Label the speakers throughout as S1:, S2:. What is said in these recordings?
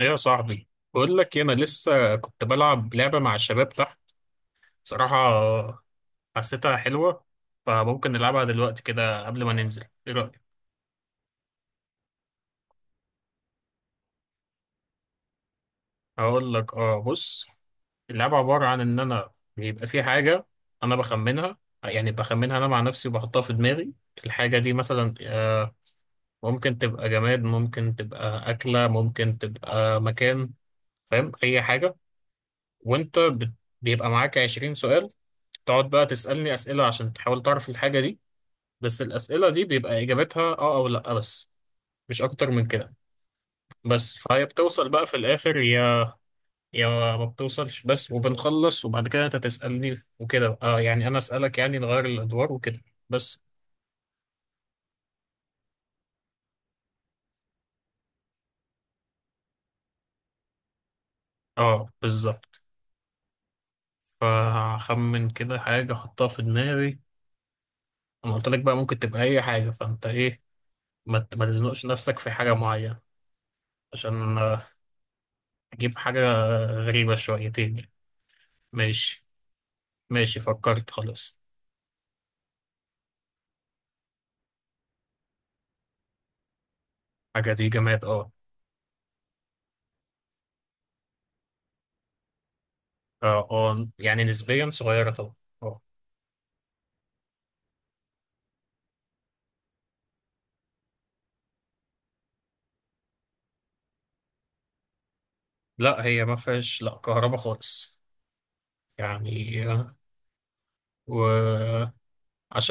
S1: ايه يا صاحبي؟ بقول لك إيه، انا لسه كنت بلعب لعبه مع الشباب تحت. بصراحه حسيتها حلوه. فممكن نلعبها دلوقتي كده قبل ما ننزل، ايه رايك؟ هقول لك، اه، بص. اللعبه عباره عن ان انا بيبقى في حاجه، انا بخمنها. يعني بخمنها انا مع نفسي وبحطها في دماغي. الحاجه دي مثلا ممكن تبقى جماد، ممكن تبقى اكله، ممكن تبقى مكان. فاهم؟ اي حاجه. وانت بت- بيبقى معاك 20 سؤال. تقعد بقى تسالني اسئله عشان تحاول تعرف الحاجه دي، بس الأسئلة دي بيبقى إجابتها آه أو لأ بس. مش أكتر من كده. بس فهي بتوصل بقى في الآخر، يا يا ما بتوصلش، بس وبنخلص. وبعد كده أنت تسألني وكده، آه يعني أنا أسألك، يعني نغير الأدوار وكده، بس. آه بالظبط. فهخمن كده حاجة أحطها في دماغي. أنا قلت لك بقى ممكن تبقى أي حاجة، فأنت إيه، ما تزنقش نفسك في حاجة معينة. عشان أجيب حاجة غريبة شويتين يعني. ماشي. ماشي، فكرت خلاص. حاجة دي جماد، آه. اه، اه، يعني نسبيا صغيرة طبعا، اه. لا، هي ما فيهاش لا كهرباء خالص. يعني وعشان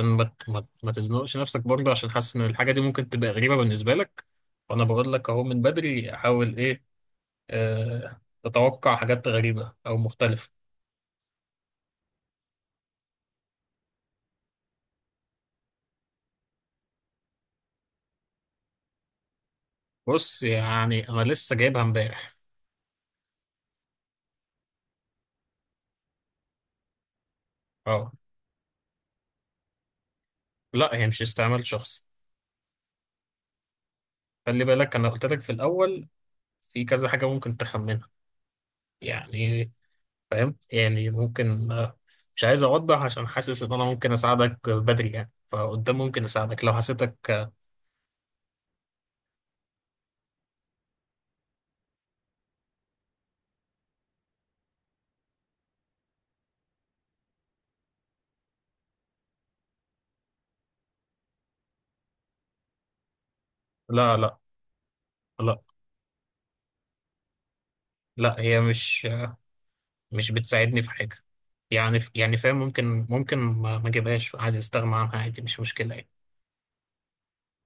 S1: ما تزنقش نفسك برضه، عشان حاسس ان الحاجة دي ممكن تبقى غريبة بالنسبة لك، فانا بقول لك اهو من بدري، حاول ايه، آه، تتوقع حاجات غريبة او مختلفة. بص يعني انا لسه جايبها امبارح. اه، لا، هي مش استعمال شخصي. خلي بالك، انا قلت لك في الاول في كذا حاجة ممكن تخمنها، يعني فاهم؟ يعني ممكن مش عايز اوضح عشان حاسس ان انا ممكن اساعدك بدري، يعني فقدام ممكن اساعدك لو حسيتك آه. لا، لا، لا، لا، هي مش مش بتساعدني في حاجه. يعني فاهم، ممكن ما اجيبهاش عادي، استغنى عنها عادي، مش مشكله يعني.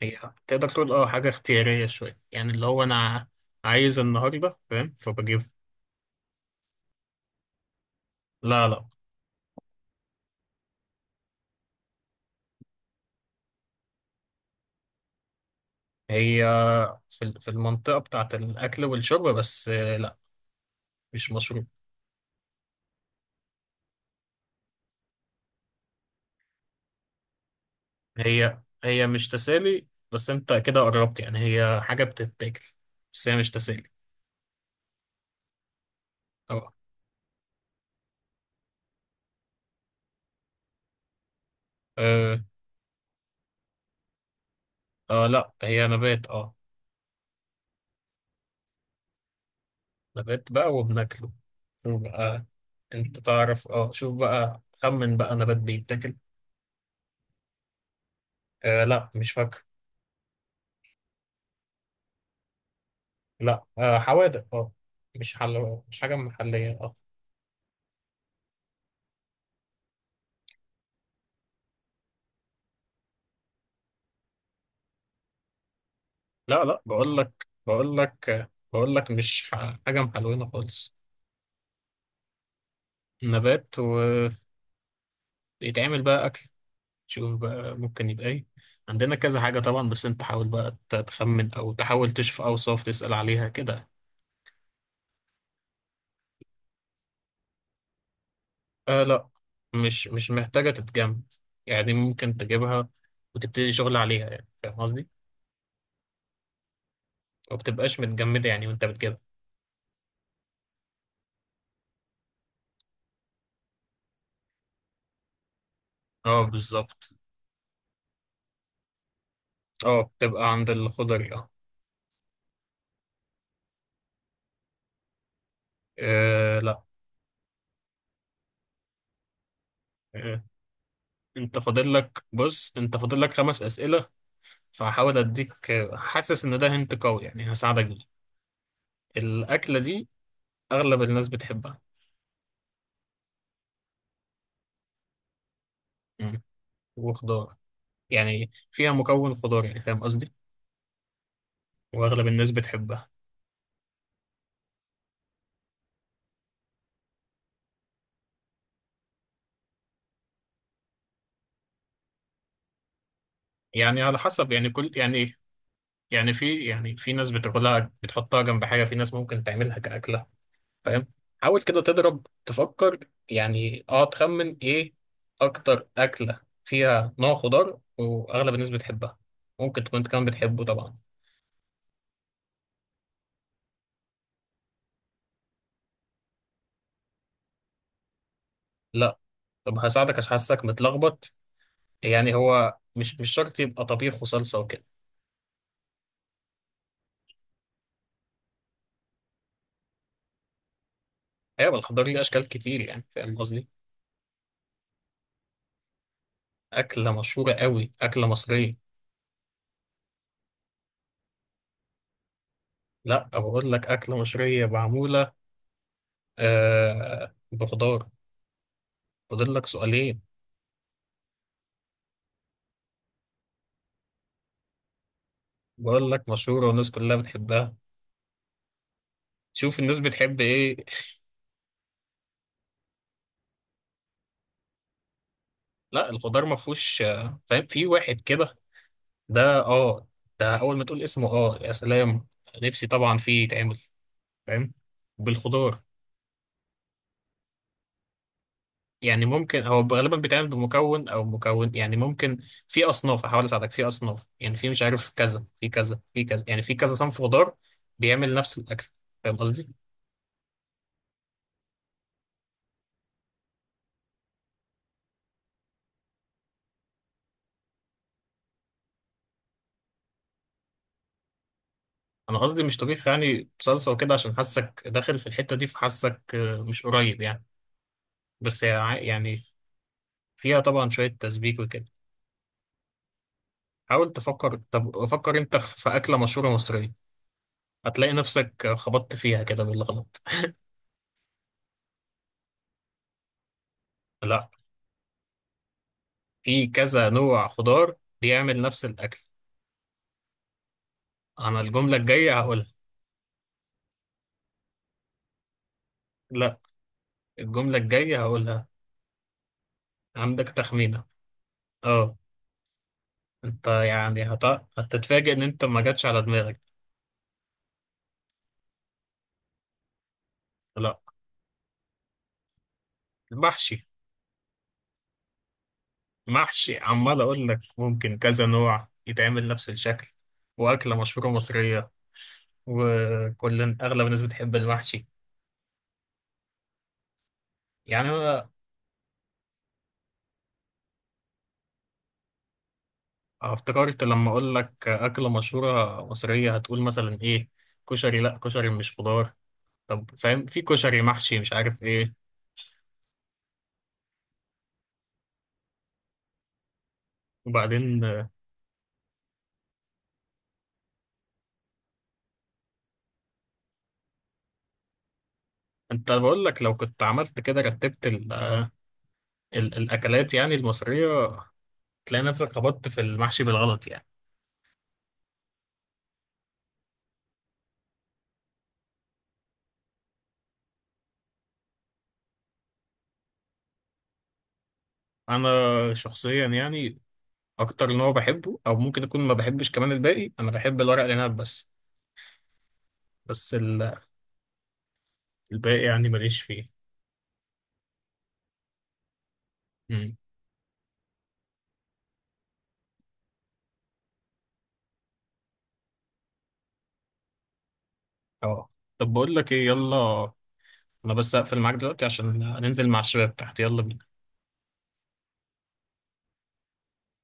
S1: هي تقدر تقول اه، حاجه اختياريه شويه، يعني اللي هو انا عايز النهارده، فاهم، فبجيب. لا، لا. هي في المنطقه بتاعه الاكل والشرب بس، لا، مش مشروب. هي هي مش تسالي، بس انت كده قربت، يعني هي حاجة بتتاكل، بس هي مش تسالي. اه، اه. لا، هي نبات، اه. نبات بقى وبناكله. شوف بقى. انت تعرف؟ اه، شوف بقى، خمن بقى، نبات بيتاكل. آه لا، مش فاكهة. لا، آه، حوادق، اه. مش حاجة محلية، اه. لا، لا، بقول لك مش حاجة محلوينة خالص. نبات، ويتعمل بقى أكل. شوف بقى ممكن يبقى ايه. عندنا كذا حاجة طبعا، بس انت حاول بقى تخمن او تحاول تشوف اوصاف تسأل عليها كده. آه لا، مش محتاجة تتجمد، يعني ممكن تجيبها وتبتدي شغل عليها، يعني فاهم قصدي؟ ما بتبقاش متجمدة يعني وانت بتجيبها. اه بالظبط. اه، بتبقى عند الخضري، اه. آه، لا. آه. انت فاضل لك بص، انت فاضل لك خمس أسئلة. فهحاول اديك حاسس ان ده هنت قوي يعني هساعدك بيه. الأكلة دي أغلب الناس بتحبها. وخضار، يعني فيها مكون خضاري، يعني فاهم قصدي؟ واغلب الناس بتحبها. يعني على حسب، يعني كل يعني، يعني في ناس بتاكلها بتحطها جنب حاجه، في ناس ممكن تعملها كاكله، فاهم؟ حاول كده تضرب، تفكر، يعني اه تخمن ايه اكتر اكله فيها نوع خضار واغلب الناس بتحبها، ممكن تكون انت كمان بتحبه طبعا. لا. طب هساعدك عشان حاسسك متلخبط. يعني هو مش شرط يبقى طبيخ وصلصه وكده. ايوه، الخضار ليه اشكال كتير، يعني فاهم قصدي؟ أكلة مشهورة قوي، أكلة مصرية. لا، بقول لك أكلة مصرية معمولة آه بخضار. فاضل لك سؤالين. بقول لك مشهورة والناس كلها بتحبها. شوف الناس بتحب إيه. لا، الخضار ما فيهوش فاهم، في واحد كده، ده آه، ده أول ما تقول اسمه آه يا سلام، نفسي طبعا فيه يتعمل، فاهم، بالخضار. يعني ممكن هو غالبا بيتعمل بمكون او مكون، يعني ممكن في اصناف، احاول اساعدك، في اصناف يعني، في مش عارف كذا، في كذا، في كذا، يعني في كذا صنف خضار بيعمل نفس الاكل. فاهم قصدي؟ انا قصدي مش طبيخ يعني صلصه وكده، عشان حاسك داخل في الحته دي، فحاسك مش قريب يعني. بس هي يعني فيها طبعا شويه تسبيك وكده. حاول تفكر، طب فكر انت في اكله مشهوره مصريه، هتلاقي نفسك خبطت فيها كده بالغلط. لا، في كذا نوع خضار بيعمل نفس الاكل. انا الجملة الجاية هقولها. لا، الجملة الجاية هقولها. عندك تخمينة؟ اه. انت يعني هتتفاجئ ان انت ما جاتش على دماغك. لا، المحشي. محشي، عمال اقول لك ممكن كذا نوع يتعمل نفس الشكل، واكلة مشهورة مصرية، وكل اغلب الناس بتحب المحشي. يعني انا افتكرت لما اقول لك اكلة مشهورة مصرية هتقول مثلا ايه، كشري، لا كشري مش خضار. طب فاهم، في كشري، محشي، مش عارف ايه. وبعدين، انت بقول لك لو كنت عملت كده رتبت ال ال الاكلات يعني المصريه، تلاقي نفسك خبطت في المحشي بالغلط يعني. انا شخصيا يعني اكتر نوع بحبه، او ممكن اكون ما بحبش كمان الباقي، انا بحب الورق العنب بس. بس الباقي يعني ماليش فيه. امم. اه، طب بقول لك ايه، يلا، انا بس اقفل معاك دلوقتي عشان ننزل مع الشباب تحت. يلا بينا.